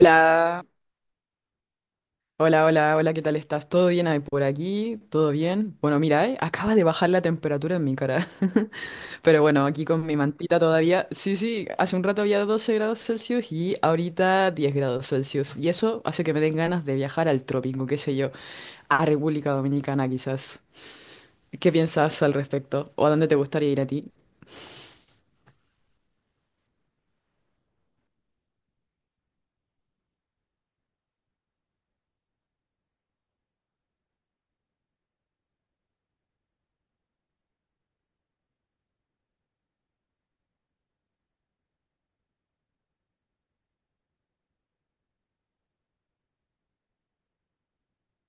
Hola, hola, hola, hola, ¿qué tal estás? ¿Todo bien ahí por aquí? ¿Todo bien? Bueno, mira, acaba de bajar la temperatura en mi cara. Pero bueno, aquí con mi mantita todavía. Sí, sí, hace un rato había 12 °C y ahorita 10 °C. Y eso hace que me den ganas de viajar al trópico, qué sé yo, a República Dominicana quizás. ¿Qué piensas al respecto? ¿O a dónde te gustaría ir a ti?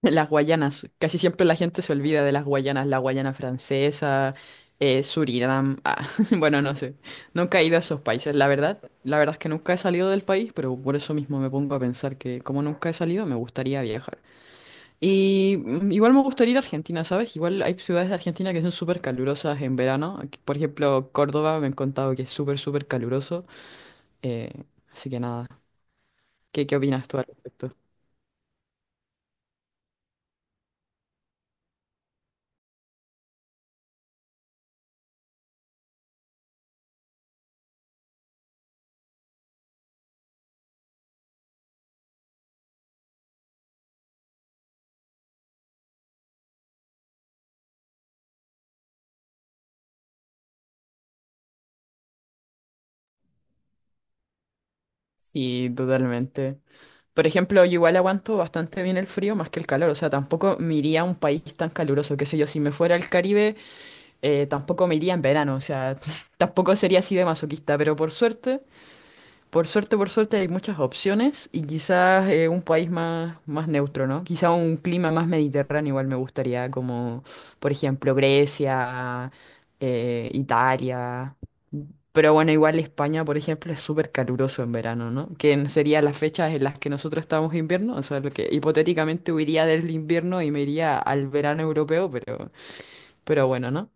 Las Guayanas, casi siempre la gente se olvida de las Guayanas, la Guayana Francesa, Surinam, ah, bueno, no sé, nunca he ido a esos países, la verdad es que nunca he salido del país, pero por eso mismo me pongo a pensar que como nunca he salido, me gustaría viajar. Y igual me gustaría ir a Argentina, ¿sabes? Igual hay ciudades de Argentina que son súper calurosas en verano, aquí, por ejemplo, Córdoba me han contado que es súper, súper caluroso, eh, así que nada, ¿qué opinas tú al respecto? Sí, totalmente. Por ejemplo, yo igual aguanto bastante bien el frío más que el calor, o sea, tampoco me iría a un país tan caluroso, qué sé yo, si me fuera al Caribe, tampoco me iría en verano, o sea, tampoco sería así de masoquista, pero por suerte hay muchas opciones y quizás un país más, más neutro, ¿no? Quizás un clima más mediterráneo igual me gustaría, como por ejemplo Grecia, Italia. Pero bueno, igual España, por ejemplo, es súper caluroso en verano, ¿no? Serían las fechas en las que nosotros estamos en invierno, o sea, lo que hipotéticamente huiría del invierno y me iría al verano europeo, pero bueno, ¿no?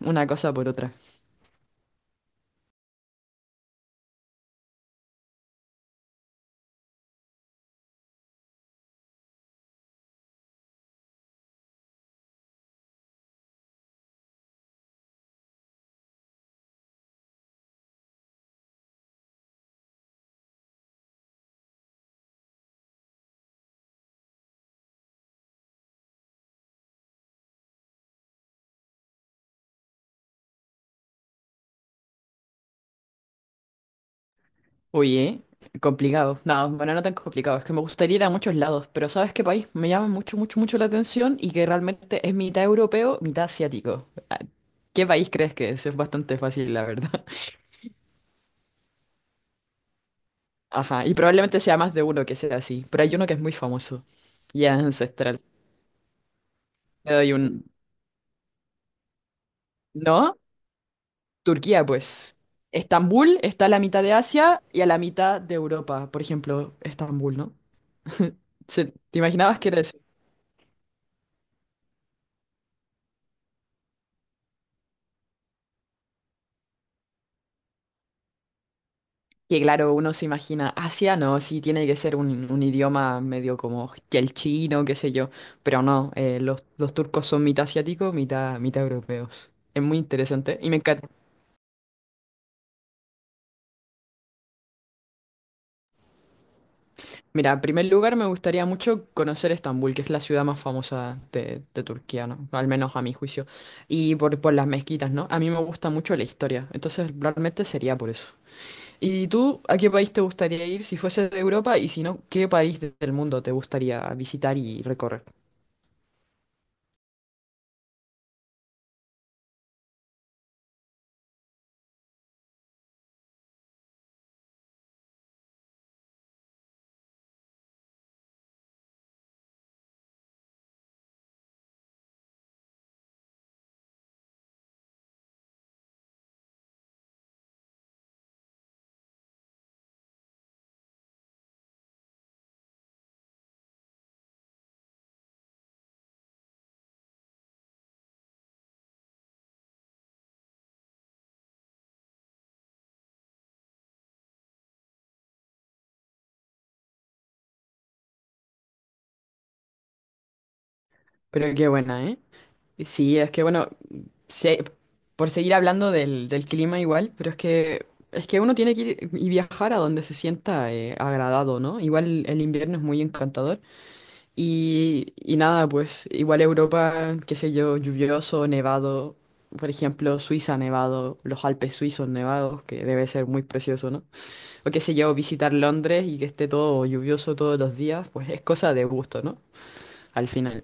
Una cosa por otra. Oye, complicado. No, bueno, no tan complicado. Es que me gustaría ir a muchos lados, pero ¿sabes qué país me llama mucho, mucho, mucho la atención y que realmente es mitad europeo, mitad asiático? Ah, ¿qué país crees que es? Es bastante fácil, la verdad. Ajá, y probablemente sea más de uno que sea así, pero hay uno que es muy famoso y es ancestral. Te doy un... ¿No? Turquía, pues. Estambul está a la mitad de Asia y a la mitad de Europa, por ejemplo, Estambul, ¿no? Sí, ¿te imaginabas que era? Y claro, uno se imagina, Asia no, sí tiene que ser un idioma medio como el chino, qué sé yo, pero no, los turcos son mitad asiáticos, mitad europeos. Es muy interesante y me encanta. Mira, en primer lugar me gustaría mucho conocer Estambul, que es la ciudad más famosa de Turquía, ¿no? Al menos a mi juicio. Y por las mezquitas, ¿no? A mí me gusta mucho la historia, entonces realmente sería por eso. ¿Y tú a qué país te gustaría ir si fuese de Europa y si no, del mundo te gustaría visitar y recorrer? Pero qué buena, ¿eh? Sí, es que bueno, se- por seguir hablando del clima igual, pero es que uno tiene que ir y viajar a donde se sienta agradado, ¿no? Igual el invierno es muy encantador y nada, pues igual Europa, qué sé yo, lluvioso, nevado, por ejemplo, Suiza nevado, los Alpes suizos nevados, que debe ser muy precioso, ¿no? O qué sé yo, visitar Londres y que esté todo lluvioso todos los días, pues es cosa de gusto, ¿no? Al final.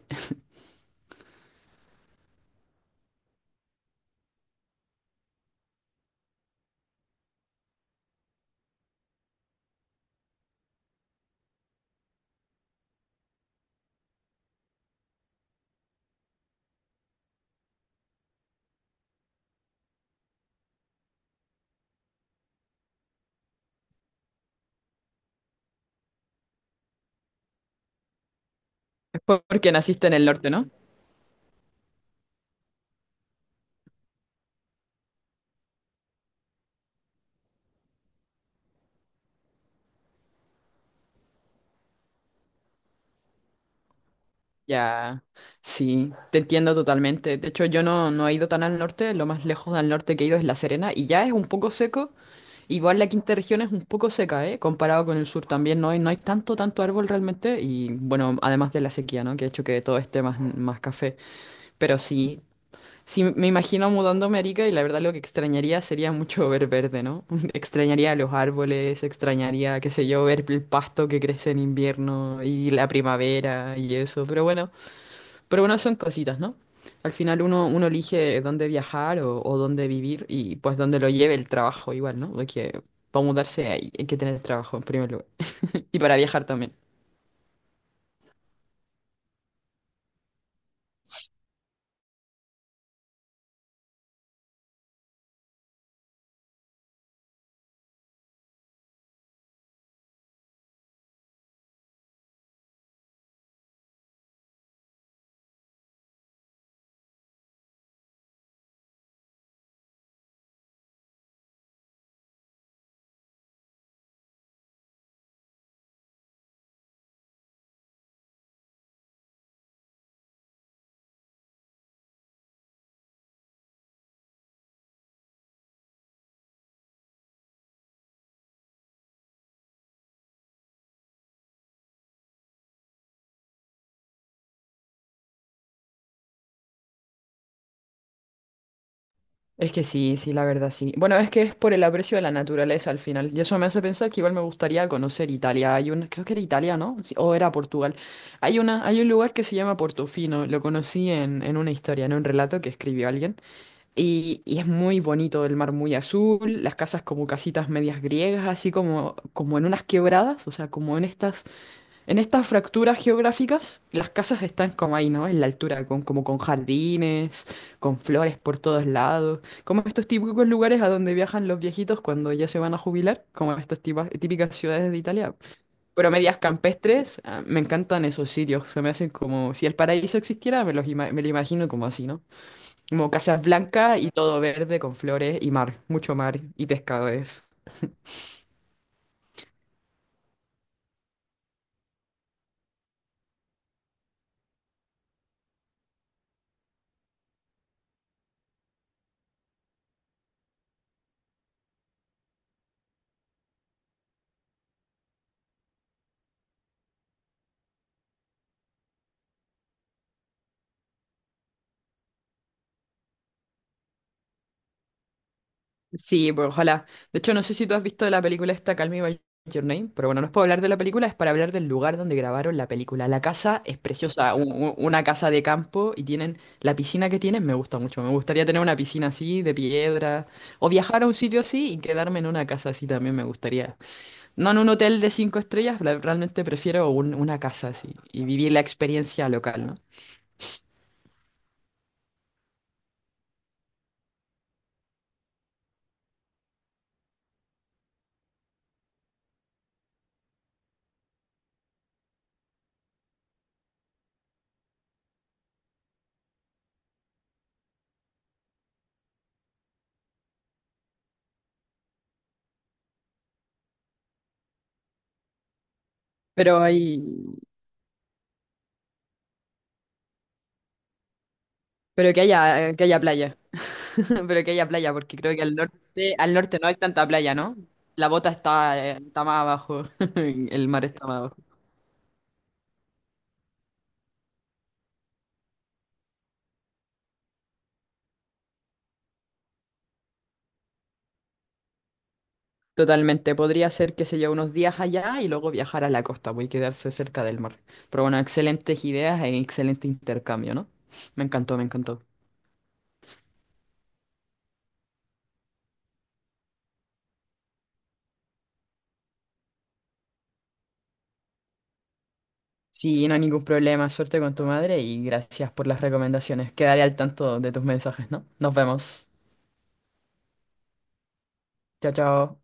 Es porque naciste en el norte, ¿no? Ya, sí, te entiendo totalmente. De hecho, yo no, no he ido tan al norte, lo más lejos al norte que he ido es La Serena y ya es un poco seco. Igual la quinta región es un poco seca, ¿eh? Comparado con el sur también, no hay tanto, tanto árbol realmente y bueno, además de la sequía, ¿no? Que ha hecho que todo esté más, más café. Pero sí, sí, me imagino mudándome a Arica y la verdad lo que extrañaría sería mucho ver verde, ¿no? Extrañaría los árboles, extrañaría, qué sé yo, ver el pasto que crece en invierno y la primavera y eso, pero bueno. Pero bueno, son cositas, ¿no? Al final uno elige dónde viajar o dónde vivir y pues dónde lo lleve el trabajo igual, ¿no? Porque para mudarse hay que tener trabajo en primer lugar. Y para viajar también. Es que sí, sí, la verdad sí. Bueno, es que es por el aprecio de la naturaleza al final. Y eso me hace pensar que igual me gustaría conocer Italia. Hay una, creo que era Italia, ¿no? Sí, o era Portugal. Hay un lugar que se llama Portofino. Lo conocí en una historia, en un relato que escribió alguien. Y es muy bonito el mar muy azul, las casas como casitas medias griegas, así como, como en unas quebradas, o sea, como en estas fracturas geográficas, las casas están como ahí, ¿no? En la altura, como con jardines, con flores por todos lados, como estos típicos lugares a donde viajan los viejitos cuando ya se van a jubilar, como típicas ciudades de Italia. Pero medias campestres, ah, me encantan esos sitios, se me hacen como, si el paraíso existiera, me lo imagino como así, ¿no? Como casas blancas y todo verde con flores y mar, mucho mar y pescadores. Sí, pues ojalá. De hecho, no sé si tú has visto la película esta, Call Me By Your Name, pero bueno, no es para hablar de la película, es para hablar del lugar donde grabaron la película. La casa es preciosa, una casa de campo y tienen la piscina que tienen, me gusta mucho. Me gustaría tener una piscina así, de piedra, o viajar a un sitio así y quedarme en una casa así también me gustaría. No en un hotel de cinco estrellas, realmente prefiero una casa así y vivir la experiencia local, ¿no? Pero hay, pero que haya playa. Pero que haya playa, porque creo que al norte no hay tanta playa, ¿no? La bota está, está más abajo. El mar está más abajo. Totalmente. Podría ser, que se lleve unos días allá y luego viajar a la costa, voy a quedarse cerca del mar. Pero bueno, excelentes ideas e excelente intercambio, ¿no? Me encantó, me encantó. Sí, no hay ningún problema. Suerte con tu madre y gracias por las recomendaciones. Quedaré al tanto de tus mensajes, ¿no? Nos vemos. Chao, chao.